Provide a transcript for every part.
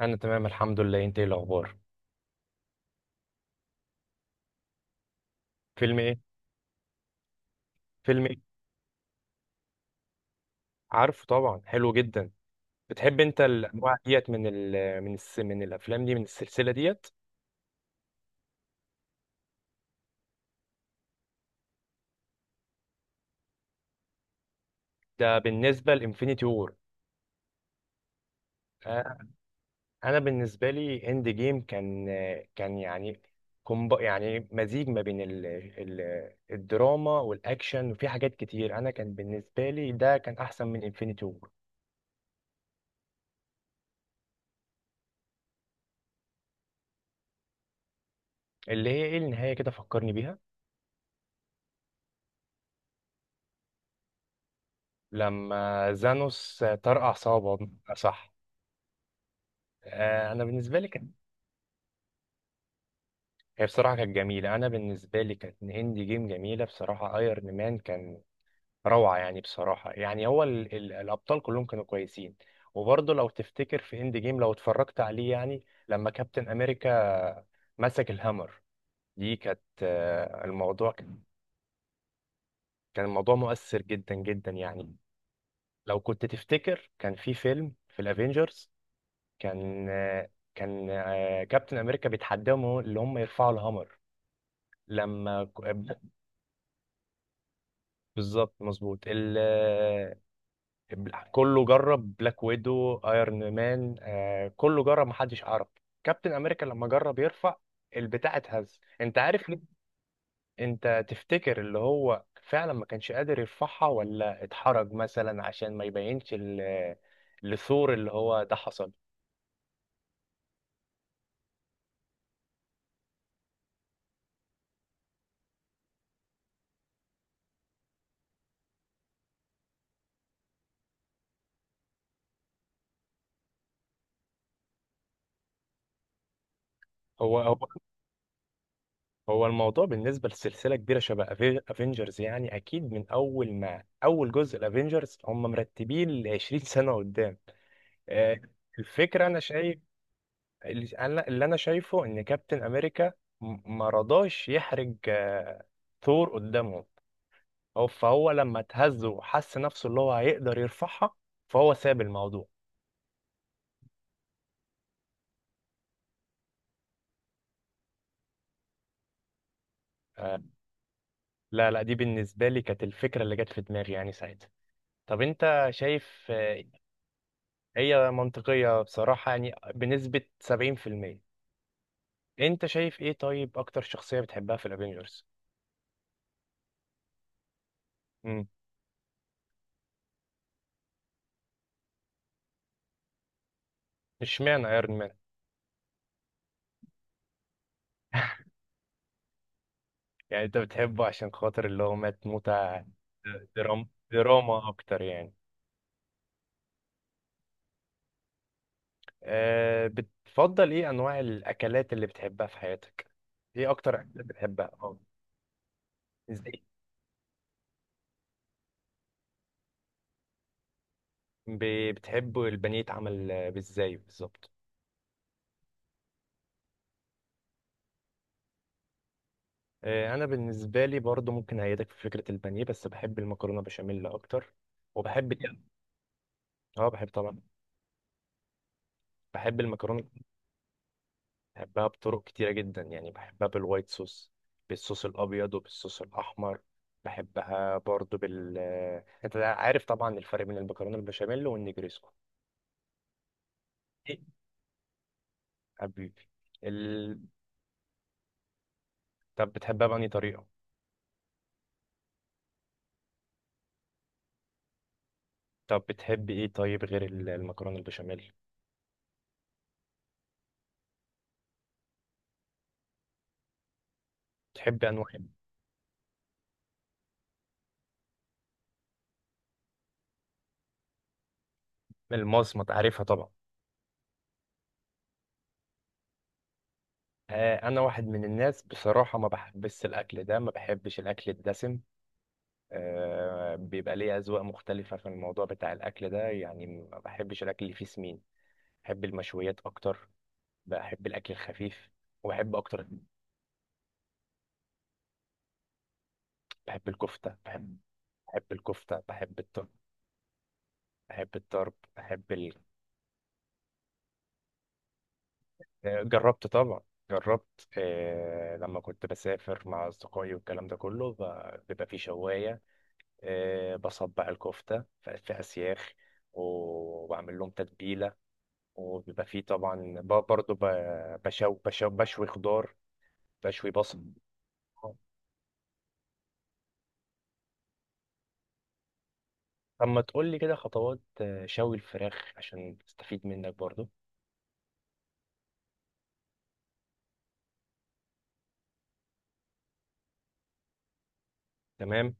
انا تمام الحمد لله، انت ايه الاخبار؟ فيلم ايه؟ فيلم ايه؟ عارفه طبعا، حلو جدا. بتحب انت الانواع ديت من الافلام دي، من السلسله ديت؟ ده بالنسبه لانفينيتي وور؟ آه، انا بالنسبه لي اند جيم كان يعني يعني مزيج ما بين ال ال الدراما والاكشن، وفي حاجات كتير انا كان بالنسبه لي ده كان احسن من انفينيتي وور. اللي هي ايه النهايه؟ كده فكرني بيها. لما زانوس طرقع صوابعه. صح. آه، انا بالنسبه لي كان. هي بصراحه كانت جميله، انا بالنسبه لي كانت هندي جيم جميله بصراحه. ايرن مان كان روعه يعني، بصراحه يعني هو ال ال الابطال كلهم كانوا كويسين. وبرضه لو تفتكر في هند جيم لو اتفرجت عليه يعني، لما كابتن امريكا مسك الهامر، دي كانت الموضوع كان. كان الموضوع مؤثر جدا جدا يعني. لو كنت تفتكر كان في فيلم في الافينجرز، كان كابتن امريكا بيتحداهم اللي هم يرفعوا الهامر. لما. بالظبط مظبوط. كله جرب بلاك ويدو، ايرون مان، كله جرب محدش عرف. كابتن امريكا لما جرب يرفع البتاع اتهز، انت عارف ليه؟ انت تفتكر اللي هو فعلا ما كانش قادر يرفعها، ولا اتحرج مثلا عشان ما يبينش لثور؟ اللي هو ده حصل. هو هو. هو الموضوع بالنسبة لسلسلة كبيرة شبه افنجرز، يعني اكيد من اول ما اول جزء الافنجرز هم مرتبين ل 20 سنة قدام. آه، الفكرة أنا شايف. اللي أنا شايفه إن كابتن أمريكا ما رضاش يحرج ثور قدامهم. فهو لما اتهز وحس نفسه اللي هو هيقدر يرفعها، فهو ساب الموضوع. آه، لا لا، دي بالنسبة لي كانت الفكرة اللي جت في دماغي يعني ساعتها. طب أنت شايف هي منطقية بصراحة، يعني بنسبة 70%. أنت شايف إيه؟ طيب أكتر شخصية بتحبها في الأفينجرز؟ مم. اشمعنى ايرون؟ يعني انت بتحبه عشان خاطر اللي هو مات موتة؟ دراما اكتر يعني؟ أه، بتفضل ايه انواع الاكلات اللي بتحبها في حياتك؟ ايه اكتر اكلات بتحبها اه؟ ازاي؟ بتحب البانيه يتعمل ازاي بالظبط؟ أه، انا بالنسبه لي برضو ممكن ايدك في فكره البانيه، بس بحب المكرونه بشاميل اكتر. وبحب. اه، بحب طبعا. بحب المكرونه. بحبها بطرق كتيرة جدا، يعني بحبها بالوايت صوص، بالصوص الأبيض وبالصوص الأحمر. بحبها برضو بال آه، أنت عارف طبعا الفرق بين المكرونة البشاميل والنجريسكو؟ إيه؟ حبيبي. ال... طب بتحبها بأنهي طريقة؟ طب بتحب إيه طيب غير المكرونة البشاميل؟ بتحب أنواع. المصمت عارفها طبعا. أنا واحد من الناس بصراحة ما بحبش الأكل ده، ما بحبش الأكل الدسم. بيبقى ليه أذواق مختلفة في الموضوع بتاع الأكل ده، يعني ما بحبش الأكل اللي فيه سمين. بحب المشويات اكتر، بحب الاكل الخفيف، وبحب اكتر. بحب الكفته بحب. بحب الكفته بحب الطرب. بحب الطرب بحب جربت طبعا. جربت لما كنت بسافر مع اصدقائي والكلام ده كله، بيبقى في شوايه. بصبع الكفته في اسياخ، وبعمل لهم تتبيله، وبيبقى فيه طبعا، برضه بشوي خضار، بشوي بصل. طب ما تقول لي كده خطوات شوي الفراخ عشان استفيد منك برضو؟ تمام.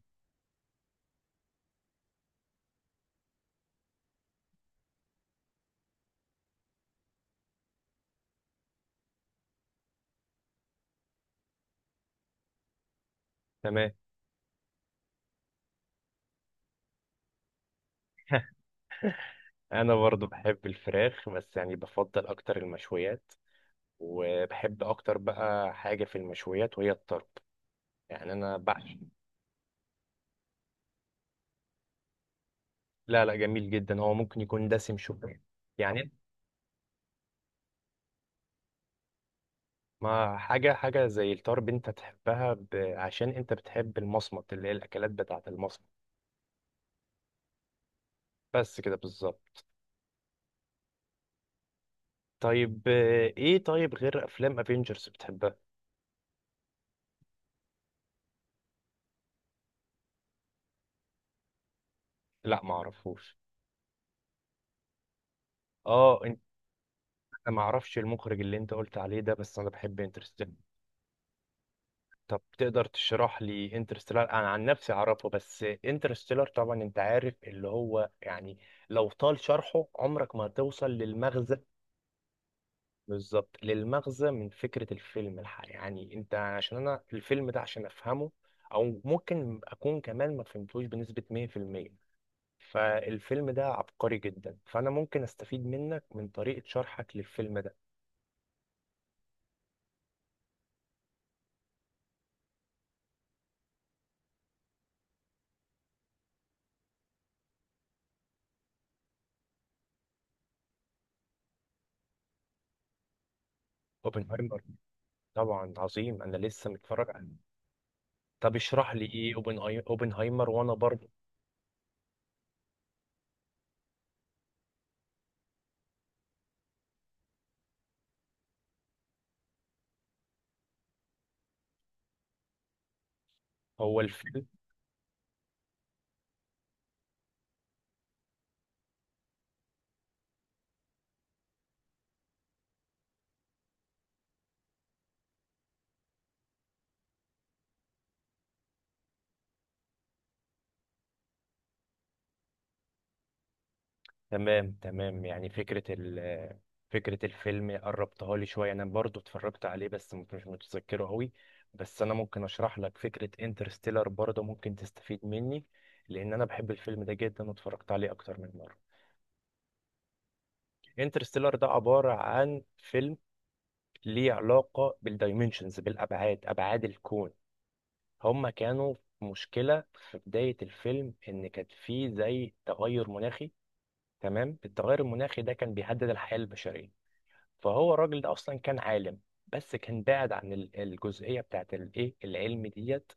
تمام، انا برضو بحب الفراخ، بس يعني بفضل اكتر المشويات، وبحب اكتر بقى حاجة في المشويات وهي الطرب. يعني انا بعشق. لا لا، جميل جدا. هو ممكن يكون دسم شوية يعني. ما حاجة حاجة زي الطرب انت تحبها، عشان انت بتحب المصمت اللي هي الاكلات بتاعة المصمت. بس كده بالظبط. طيب ايه طيب غير افلام افنجرز بتحبها؟ لا، ما اعرفوش. اه، انت. انا ما اعرفش المخرج اللي انت قلت عليه ده، بس انا بحب انترستيلر. طب تقدر تشرح لي انترستيلر؟ انا عن نفسي اعرفه، بس انترستيلر طبعا انت عارف اللي هو يعني. لو طال شرحه عمرك ما هتوصل للمغزى. بالظبط، للمغزى من فكرة الفيلم الحقيقي يعني، انت عشان انا الفيلم ده عشان افهمه، او ممكن اكون كمان ما فهمتوش بنسبة 100%. فالفيلم ده عبقري جدا، فانا ممكن استفيد منك من طريقة شرحك للفيلم ده. اوبنهايمر. طبعا عظيم، انا لسه متفرج عليه. طب اشرح لي ايه اوبنهايمر، وانا برضه. هو الفيلم. تمام تمام، يعني فكره الفيلم قربتها لي شويه، انا برضه اتفرجت عليه بس مش متذكره قوي. بس انا ممكن اشرح لك فكره انترستيلر برضه، ممكن تستفيد مني. لان انا بحب الفيلم ده جدا واتفرجت عليه اكتر من مره. انترستيلر ده عباره عن فيلم ليه علاقه بالدايمنشنز، بالابعاد، ابعاد الكون. هما كانوا في مشكلة في بداية الفيلم إن كانت فيه زي تغير مناخي. تمام، التغير المناخي ده كان بيهدد الحياة البشرية. فهو الراجل ده أصلا كان عالم، بس كان بعد عن الجزئية بتاعت الإيه العلم ديت،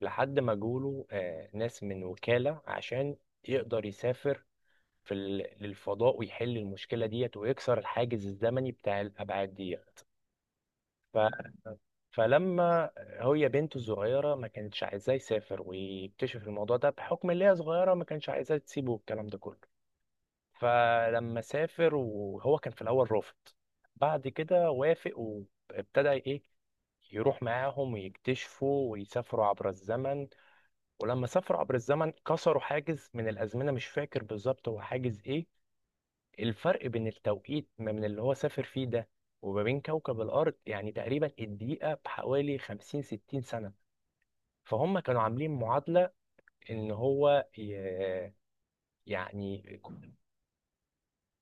لحد ما جوله ناس من وكالة عشان يقدر يسافر في للفضاء، ويحل المشكلة ديت، ويكسر الحاجز الزمني بتاع الأبعاد ديت. فلما هي بنته الصغيرة ما كانتش عايزاه يسافر ويكتشف الموضوع ده، بحكم ان هي صغيرة ما كانش عايزاه تسيبه والكلام ده كله. فلما سافر وهو كان في الأول رافض، بعد كده وافق وابتدى ايه، يروح معاهم ويكتشفوا ويسافروا عبر الزمن. ولما سافروا عبر الزمن كسروا حاجز من الأزمنة، مش فاكر بالظبط هو حاجز ايه. الفرق بين التوقيت ما من اللي هو سافر فيه ده، وما بين كوكب الأرض، يعني تقريبا الدقيقة بحوالي 50 60 سنة. فهم كانوا عاملين معادلة إن هو ي... يعني.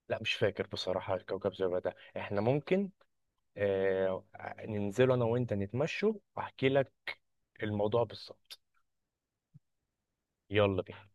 لا مش فاكر بصراحة، الكوكب زرار ده إحنا ممكن آه، ننزله أنا وأنت نتمشوا وأحكي لك الموضوع بالظبط. يلا بينا.